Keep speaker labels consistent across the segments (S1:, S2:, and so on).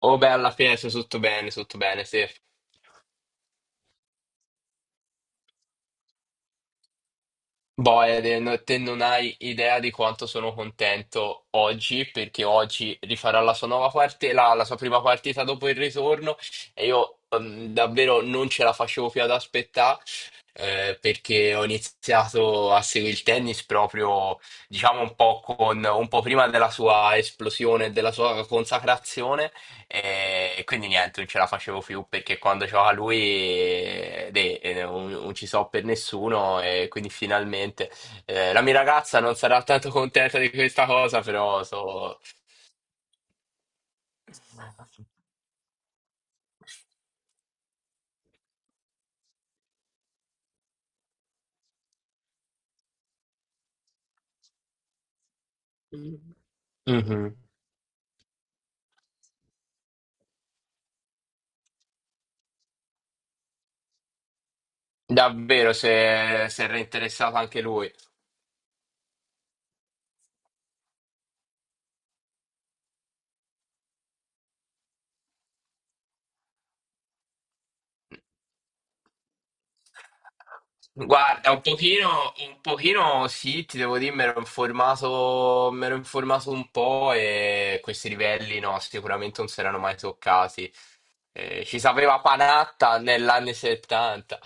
S1: Oh beh, alla fine sei tutto bene, sì. Boh, Ede, te non hai idea di quanto sono contento oggi, perché oggi rifarà la sua nuova parte, la sua prima partita dopo il ritorno, e io davvero non ce la facevo più ad aspettare. Perché ho iniziato a seguire il tennis proprio, diciamo, un po', con, un po' prima della sua esplosione, e della sua consacrazione, e, quindi niente, non ce la facevo più perché quando c'era lui non, non ci so per nessuno e quindi finalmente la mia ragazza non sarà tanto contenta di questa cosa, però so... Mhm. Davvero, se era interessato anche lui. Guarda, un pochino sì, ti devo dire, mi ero informato un po' e questi livelli no, sicuramente non si erano mai toccati. Ci sapeva Panatta negli anni 70.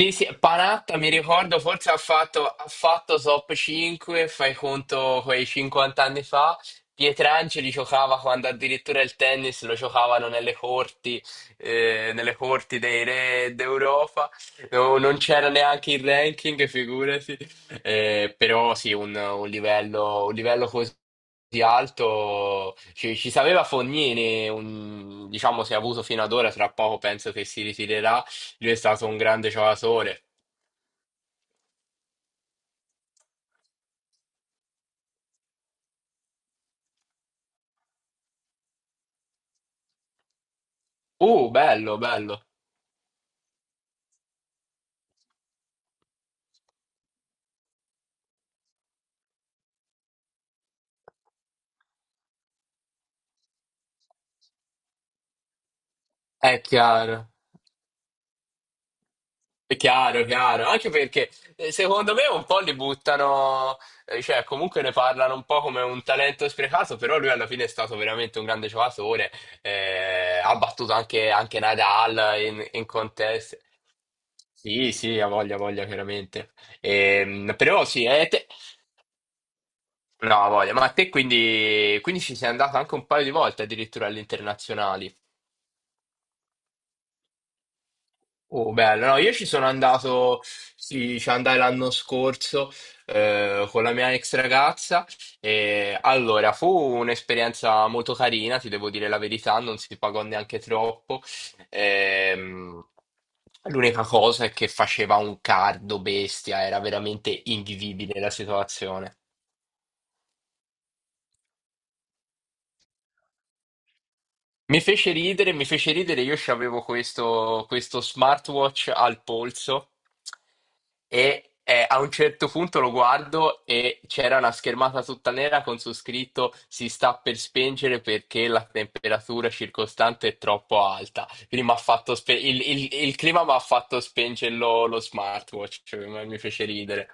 S1: Sì, sì, Panatta mi ricordo, forse ha fatto top 5, fai conto quei 50 anni fa. Pietrangeli giocava quando addirittura il tennis lo giocavano nelle corti dei re d'Europa. No, non c'era neanche il ranking, figurati. Però sì, un livello così alto ci sapeva Fognini, diciamo, si è avuto fino ad ora, tra poco penso che si ritirerà. Lui è stato un grande giocatore. Bello, bello. È chiaro. È chiaro, chiaro. Anche perché secondo me un po' li buttano, cioè comunque ne parlano un po' come un talento sprecato, però lui alla fine è stato veramente un grande giocatore. Eh, ha battuto anche, anche Nadal in, in contest. Sì, sì, ha voglia, chiaramente. Però sì, no, ha voglia. Ma a te quindi, quindi ci sei andato anche un paio di volte addirittura all'internazionale. Oh, bello, no, io ci sono andato, sì, ci andai l'anno scorso con la mia ex ragazza e allora fu un'esperienza molto carina, ti devo dire la verità, non si pagò neanche troppo. Ehm, L'unica cosa è che faceva un caldo bestia, era veramente invivibile la situazione. Mi fece ridere, io avevo questo, questo smartwatch al polso e a un certo punto lo guardo e c'era una schermata tutta nera con su scritto si sta per spengere perché la temperatura circostante è troppo alta. Quindi m'ha fatto spe- il clima mi ha fatto spengere lo smartwatch, cioè, mi fece ridere.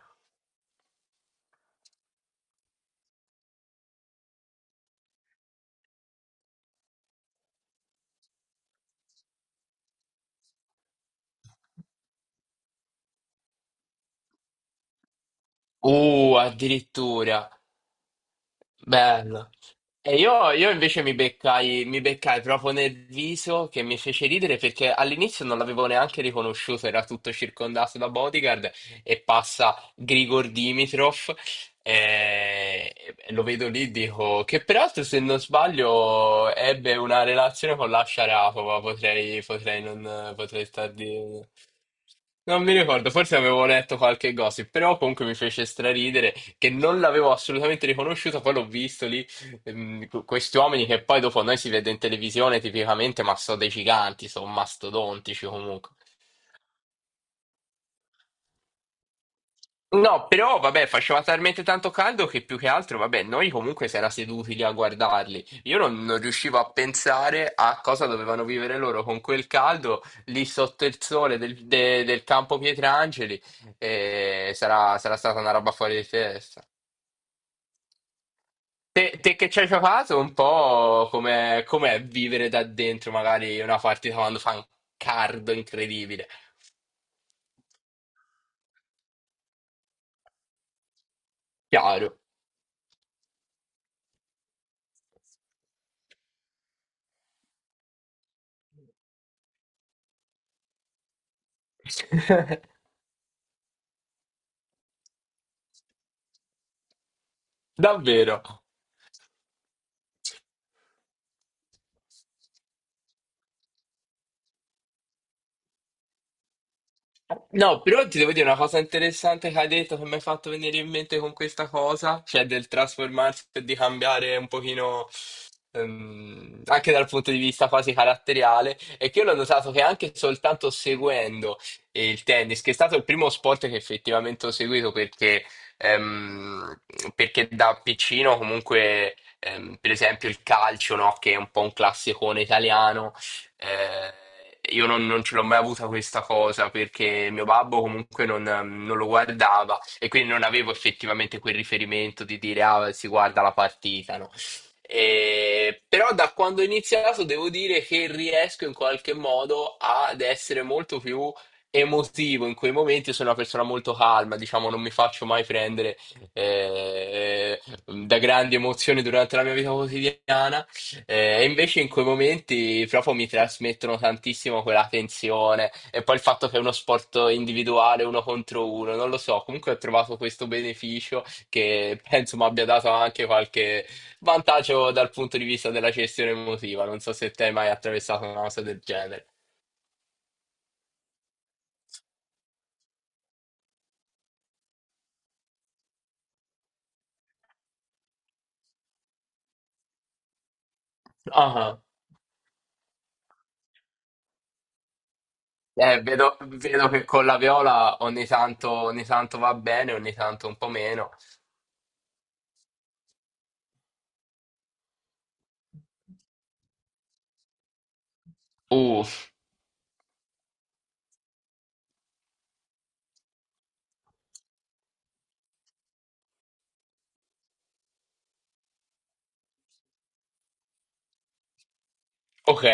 S1: Addirittura, bello. E io invece mi beccai proprio nel viso che mi fece ridere perché all'inizio non l'avevo neanche riconosciuto, era tutto circondato da bodyguard e passa Grigor Dimitrov e lo vedo lì, dico che peraltro se non sbaglio ebbe una relazione con la Sharapova, potrei, potrei non, potrei star di... Non mi ricordo, forse avevo letto qualche gossip, però comunque mi fece straridere che non l'avevo assolutamente riconosciuto, poi l'ho visto lì, questi uomini che poi dopo noi si vede in televisione tipicamente, ma sono dei giganti, sono mastodontici comunque. No, però vabbè, faceva talmente tanto caldo che più che altro, vabbè, noi comunque si era seduti lì a guardarli. Io non, non riuscivo a pensare a cosa dovevano vivere loro con quel caldo lì sotto il sole del campo Pietrangeli. E sarà, sarà stata una roba fuori di testa. Te, te che ci hai giocato un po' com'è, com'è vivere da dentro magari una partita quando fa un cardo incredibile. Chiaro. Davvero. No, però ti devo dire una cosa interessante che hai detto, che mi hai fatto venire in mente con questa cosa, cioè del trasformarsi e di cambiare un pochino anche dal punto di vista quasi caratteriale, è che io l'ho notato che anche soltanto seguendo il tennis, che è stato il primo sport che effettivamente ho seguito ehm, perché da piccino comunque, per esempio il calcio, no, che è un po' un classicone italiano eh, io non, non ce l'ho mai avuta questa cosa perché mio babbo comunque non lo guardava e quindi non avevo effettivamente quel riferimento di dire ah, si guarda la partita, no? Però da quando ho iniziato devo dire che riesco in qualche modo ad essere molto più emotivo in quei momenti. Sono una persona molto calma, diciamo, non mi faccio mai prendere da grandi emozioni durante la mia vita quotidiana. Invece in quei momenti proprio mi trasmettono tantissimo quella tensione e poi il fatto che è uno sport individuale, uno contro uno, non lo so, comunque ho trovato questo beneficio che penso mi abbia dato anche qualche vantaggio dal punto di vista della gestione emotiva, non so se te hai mai attraversato una cosa del genere. Ah, vedo, vedo che con la viola ogni tanto va bene, ogni tanto un po' meno. Uh, ok.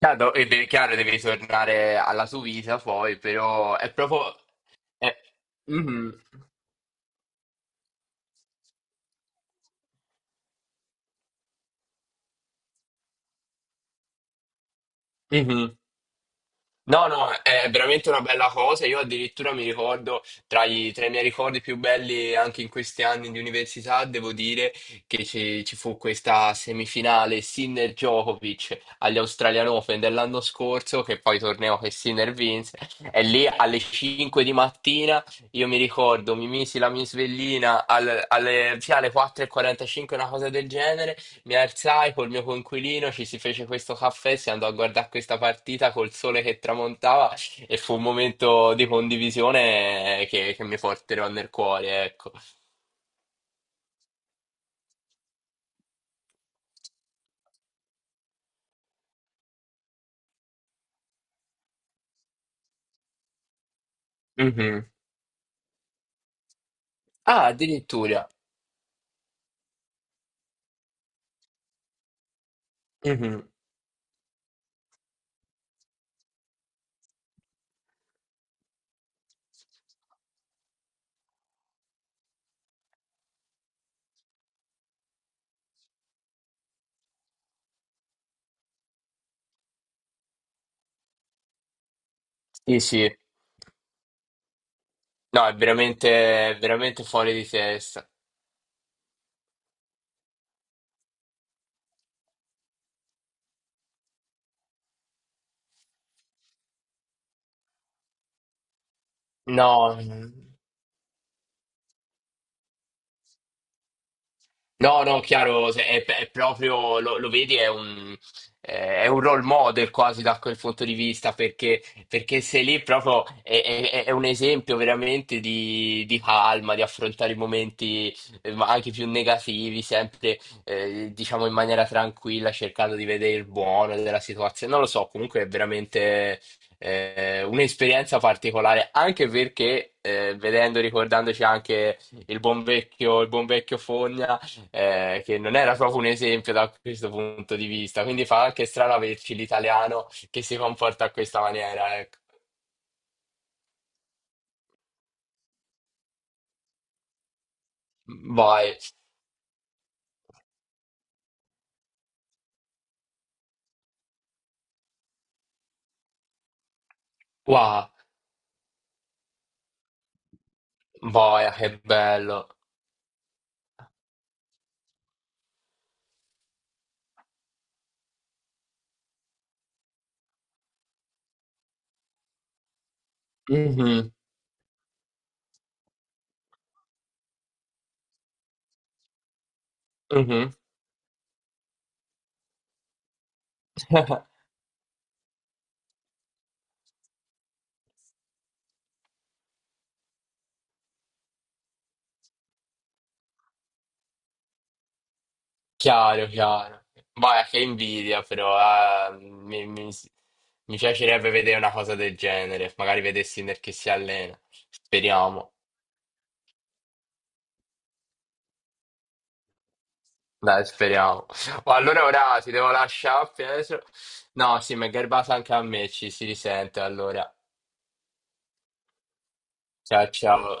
S1: Chiaro, chiaro, devi tornare alla sua vita poi, però è proprio... È... Mhm, mhm. No, no, è veramente una bella cosa. Io addirittura mi ricordo, tra i miei ricordi più belli anche in questi anni di università, devo dire che ci fu questa semifinale Sinner-Djokovic agli Australian Open dell'anno scorso, che poi torneo che Sinner vinse. E lì alle 5 di mattina, io mi ricordo, mi misi la mia svellina al- alle, sì, alle 4:45, una cosa del genere, mi alzai col mio coinquilino, ci si fece questo caffè, si andò a guardare questa partita col sole che tramontava e fu un momento di condivisione che mi porterò nel cuore, ecco. Mhm. Ah, addirittura. Mhm. Sì, sì. No, è veramente fuori di testa. No. No, no. No, no, chiaro, è proprio, lo, lo vedi, è un role model quasi da quel punto di vista, perché sei lì proprio, è un esempio veramente di calma, di affrontare i momenti ma anche più negativi, sempre, diciamo, in maniera tranquilla, cercando di vedere il buono della situazione. Non lo so, comunque è veramente un'esperienza particolare, anche perché, vedendo, ricordandoci anche il buon vecchio Fogna, che non era proprio un esempio da questo punto di vista. Quindi fa anche strano averci l'italiano che si comporta a questa maniera, ecco. Vai, wow, boia, che bello. Mhm, mhm. Chiaro, chiaro. Boia, che invidia, però mi piacerebbe vedere una cosa del genere. Magari vedessi nel che si allena. Speriamo. Dai, speriamo. Oh, allora ora ti devo lasciare, Pietro. No, sì, mi è garbata anche a me, ci si risente allora. Ciao, ciao.